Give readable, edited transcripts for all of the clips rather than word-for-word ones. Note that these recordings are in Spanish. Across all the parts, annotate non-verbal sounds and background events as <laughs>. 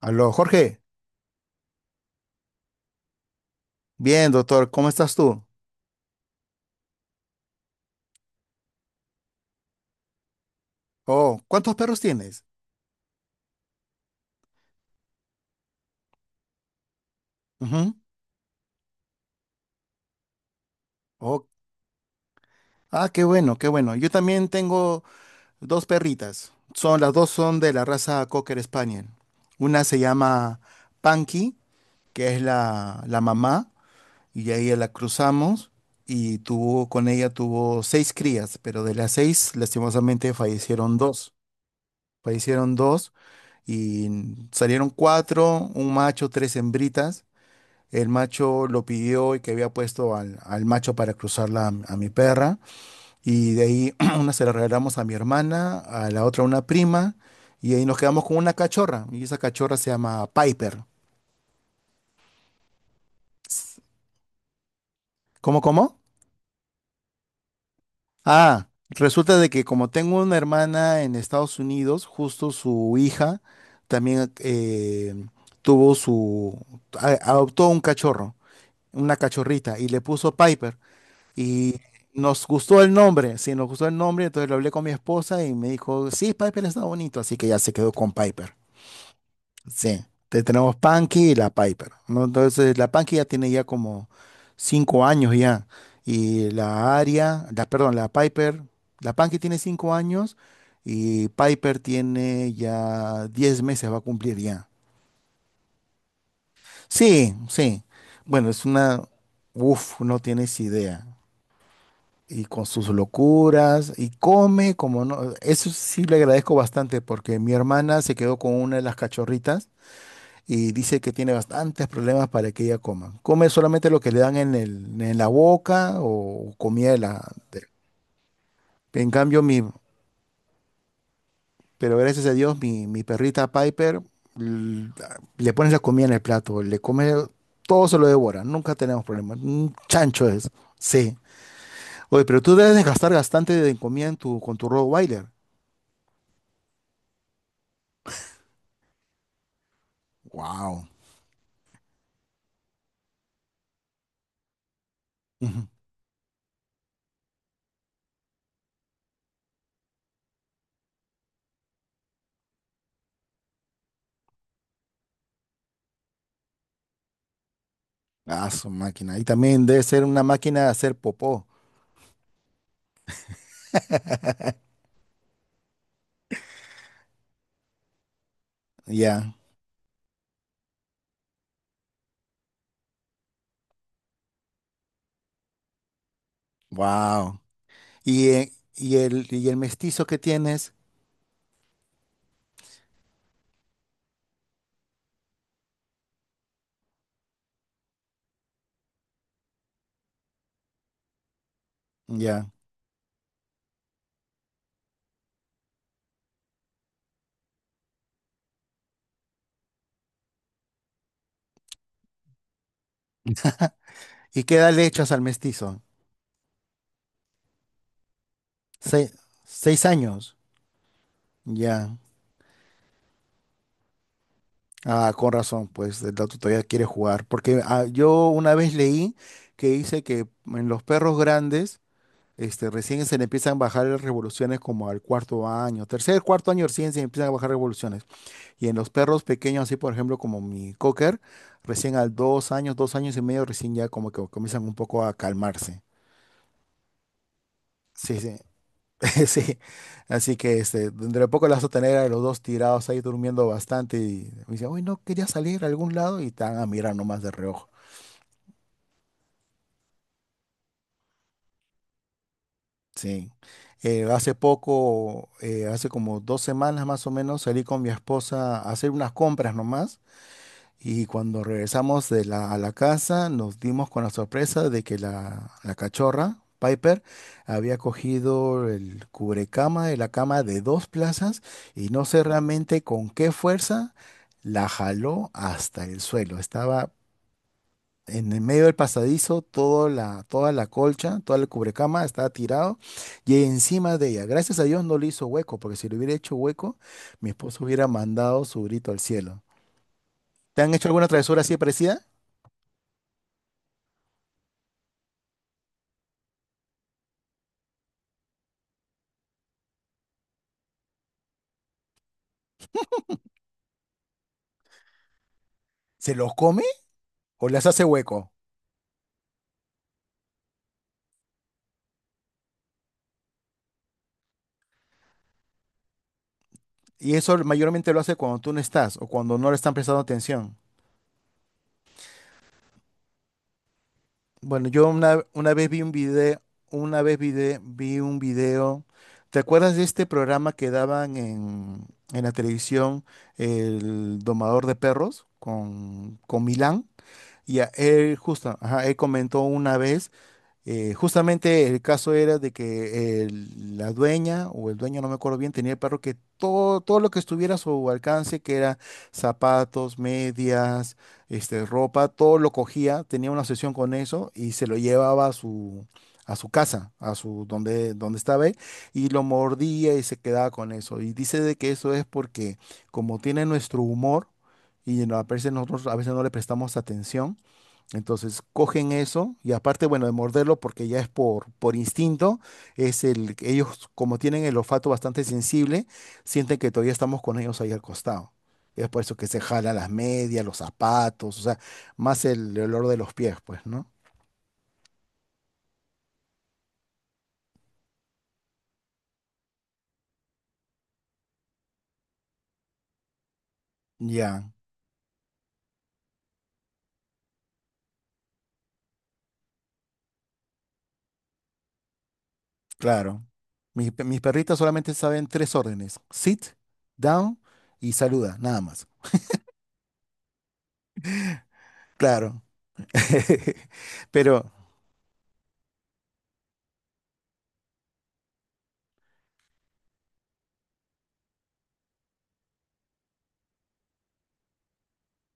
Aló, Jorge. Bien, doctor, ¿cómo estás tú? Oh, ¿cuántos perros tienes? Ujú. Oh, ah, qué bueno, qué bueno. Yo también tengo dos perritas. Las dos son de la raza Cocker Spaniel. Una se llama Panky, que es la mamá, y ahí la cruzamos, con ella tuvo seis crías, pero de las seis, lastimosamente, fallecieron dos. Fallecieron dos, y salieron cuatro, un macho, tres hembritas. El macho lo pidió y que había puesto al macho para cruzarla a mi perra. Y de ahí <clears throat> una se la regalamos a mi hermana, a la otra a una prima. Y ahí nos quedamos con una cachorra. Y esa cachorra se llama Piper. ¿Cómo, cómo? Ah, resulta de que como tengo una hermana en Estados Unidos, justo su hija también tuvo su... adoptó un cachorro, una cachorrita, y le puso Piper. Y nos gustó el nombre, sí, nos gustó el nombre, entonces lo hablé con mi esposa y me dijo, sí, Piper está bonito, así que ya se quedó con Piper. Sí, tenemos Punky y la Piper, ¿no? Entonces la Punky ya tiene ya como 5 años ya, y la Aria, la, perdón, la Piper, la Punky tiene 5 años y Piper tiene ya 10 meses, va a cumplir ya. Sí, sí, bueno, es una, uff, no tienes idea. Y con sus locuras y come como no. Eso sí le agradezco bastante porque mi hermana se quedó con una de las cachorritas y dice que tiene bastantes problemas para que ella coma. Come solamente lo que le dan en la boca o comida En cambio, pero gracias a Dios, mi perrita Piper l- le pones la comida en el plato, le come, todo se lo devora, nunca tenemos problemas. Un chancho es. Sí. Oye, pero tú debes de gastar bastante de comida con tu Rottweiler. Wow. Ujú. Ah, su máquina. Y también debe ser una máquina de hacer popó. Ya. Wow. Y el mestizo que tienes. Ya. ¿Y qué edad le echas al mestizo? Se- 6 años. Ya. Ah, con razón, pues el dato todavía quiere jugar. Porque ah, yo una vez leí que dice que en los perros grandes, este, recién se le empiezan a bajar las revoluciones como al cuarto año. Tercer, cuarto año recién se empiezan a bajar revoluciones. Y en los perros pequeños, así por ejemplo como mi cocker, recién a 2 años, 2 años y medio, recién ya como que comienzan un poco a calmarse. Sí, sí, <laughs> sí. Así que este, dentro de poco las vas a tener a los dos tirados ahí durmiendo bastante y me dicen, uy, no quería salir a algún lado y te van a mirar nomás de reojo. Sí. Hace poco, hace como 2 semanas más o menos, salí con mi esposa a hacer unas compras nomás. Y cuando regresamos a la casa, nos dimos con la sorpresa de que la cachorra, Piper, había cogido el cubrecama de la cama de dos plazas y no sé realmente con qué fuerza la jaló hasta el suelo. Estaba en el medio del pasadizo, todo la, toda la colcha, toda la cubrecama estaba tirado y encima de ella. Gracias a Dios no le hizo hueco, porque si le hubiera hecho hueco, mi esposo hubiera mandado su grito al cielo. ¿Te han hecho alguna travesura así parecida? Se los come o les hace hueco. Y eso mayormente lo hace cuando tú no estás o cuando no le están prestando atención. Bueno, yo una vez vi un video, una vez vi un video. ¿Te acuerdas de este programa que daban en la televisión, El Domador de Perros, con Milán? Él justo, ajá, él comentó una vez. Justamente el caso era de que la dueña o el dueño, no me acuerdo bien, tenía el perro que todo lo que estuviera a su alcance, que era zapatos, medias, este, ropa, todo lo cogía, tenía una sesión con eso y se lo llevaba a su casa, donde estaba él, y lo mordía y se quedaba con eso. Y dice de que eso es porque como tiene nuestro humor y no, a veces nosotros a veces no le prestamos atención, entonces cogen eso y aparte, bueno, de morderlo porque ya es por instinto, es el, ellos como tienen el olfato bastante sensible, sienten que todavía estamos con ellos ahí al costado. Es por eso que se jala las medias, los zapatos, o sea, más el, olor de los pies, pues, ¿no? Ya, claro. Mis perritas solamente saben tres órdenes, sit, down y saluda, nada más. Claro. <laughs> Pero,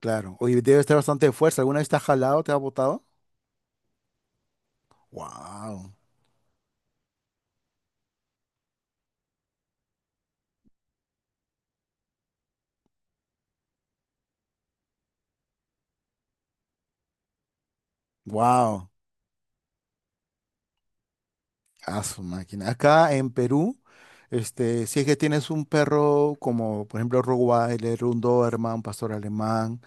claro, hoy debe estar bastante de fuerza. ¿Alguna vez te has jalado, te has botado? Wow. Wow, a su máquina. Acá en Perú, este, si es que tienes un perro como, por ejemplo, Rottweiler, un Doberman, un pastor alemán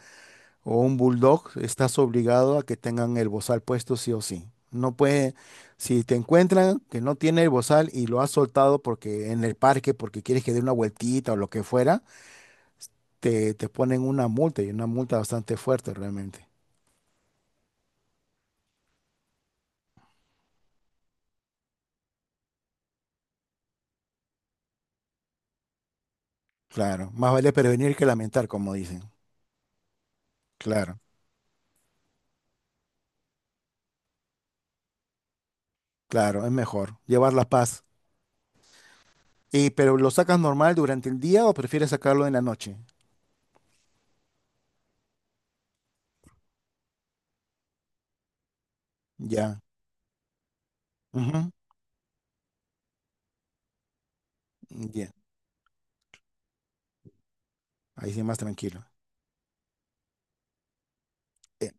o un bulldog, estás obligado a que tengan el bozal puesto sí o sí. No puede, si te encuentran que no tiene el bozal y lo has soltado porque en el parque, porque quieres que dé una vueltita o lo que fuera, te ponen una multa y una multa bastante fuerte realmente. Claro, más vale prevenir que lamentar, como dicen. Claro, claro, es mejor llevar la paz. Y, pero ¿lo sacas normal durante el día o prefieres sacarlo en la noche? Ya. Ujú, ya. Ahí sí más tranquilo. Eh,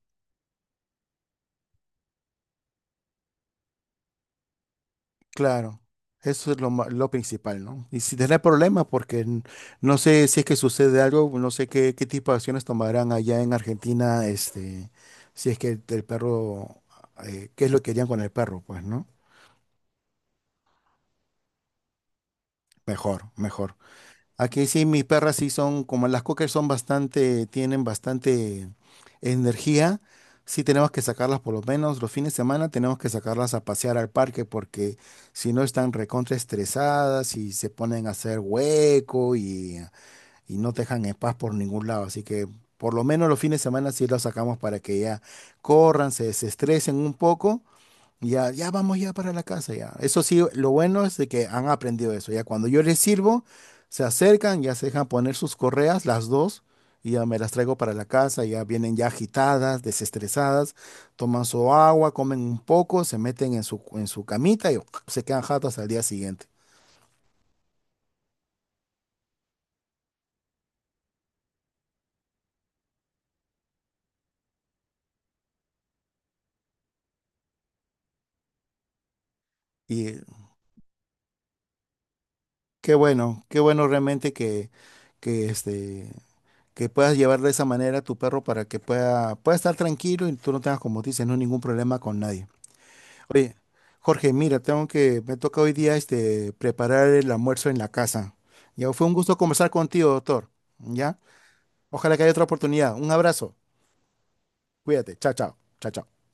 claro. Eso es lo, lo principal, ¿no? Y si tenés problemas, porque no sé si es que sucede algo, no sé qué, qué tipo de acciones tomarán allá en Argentina, este, si es que el perro, qué es lo que harían con el perro, pues, ¿no? Mejor, mejor. Aquí sí, mis perras sí son, como las cocker son bastante, tienen bastante energía. Sí tenemos que sacarlas por lo menos los fines de semana, tenemos que sacarlas a pasear al parque porque si no están recontra estresadas y se ponen a hacer hueco y no te dejan en paz por ningún lado. Así que por lo menos los fines de semana sí las sacamos para que ya corran, se desestresen un poco ya, ya vamos ya para la casa, ya. Eso sí, lo bueno es de que han aprendido eso. Ya cuando yo les sirvo, se acercan, ya se dejan poner sus correas, las dos, y ya me las traigo para la casa, ya vienen ya agitadas, desestresadas, toman su agua, comen un poco, se meten en su camita y <smacks lips> se quedan jatas al día siguiente. Y qué bueno realmente que este, que puedas llevar de esa manera a tu perro para que pueda estar tranquilo y tú no tengas, como dices, no ningún problema con nadie. Oye, Jorge, mira, tengo que, me toca hoy día este preparar el almuerzo en la casa. Ya fue un gusto conversar contigo, doctor. ¿Ya? Ojalá que haya otra oportunidad. Un abrazo. Cuídate. Chao, chao. Chao, chao.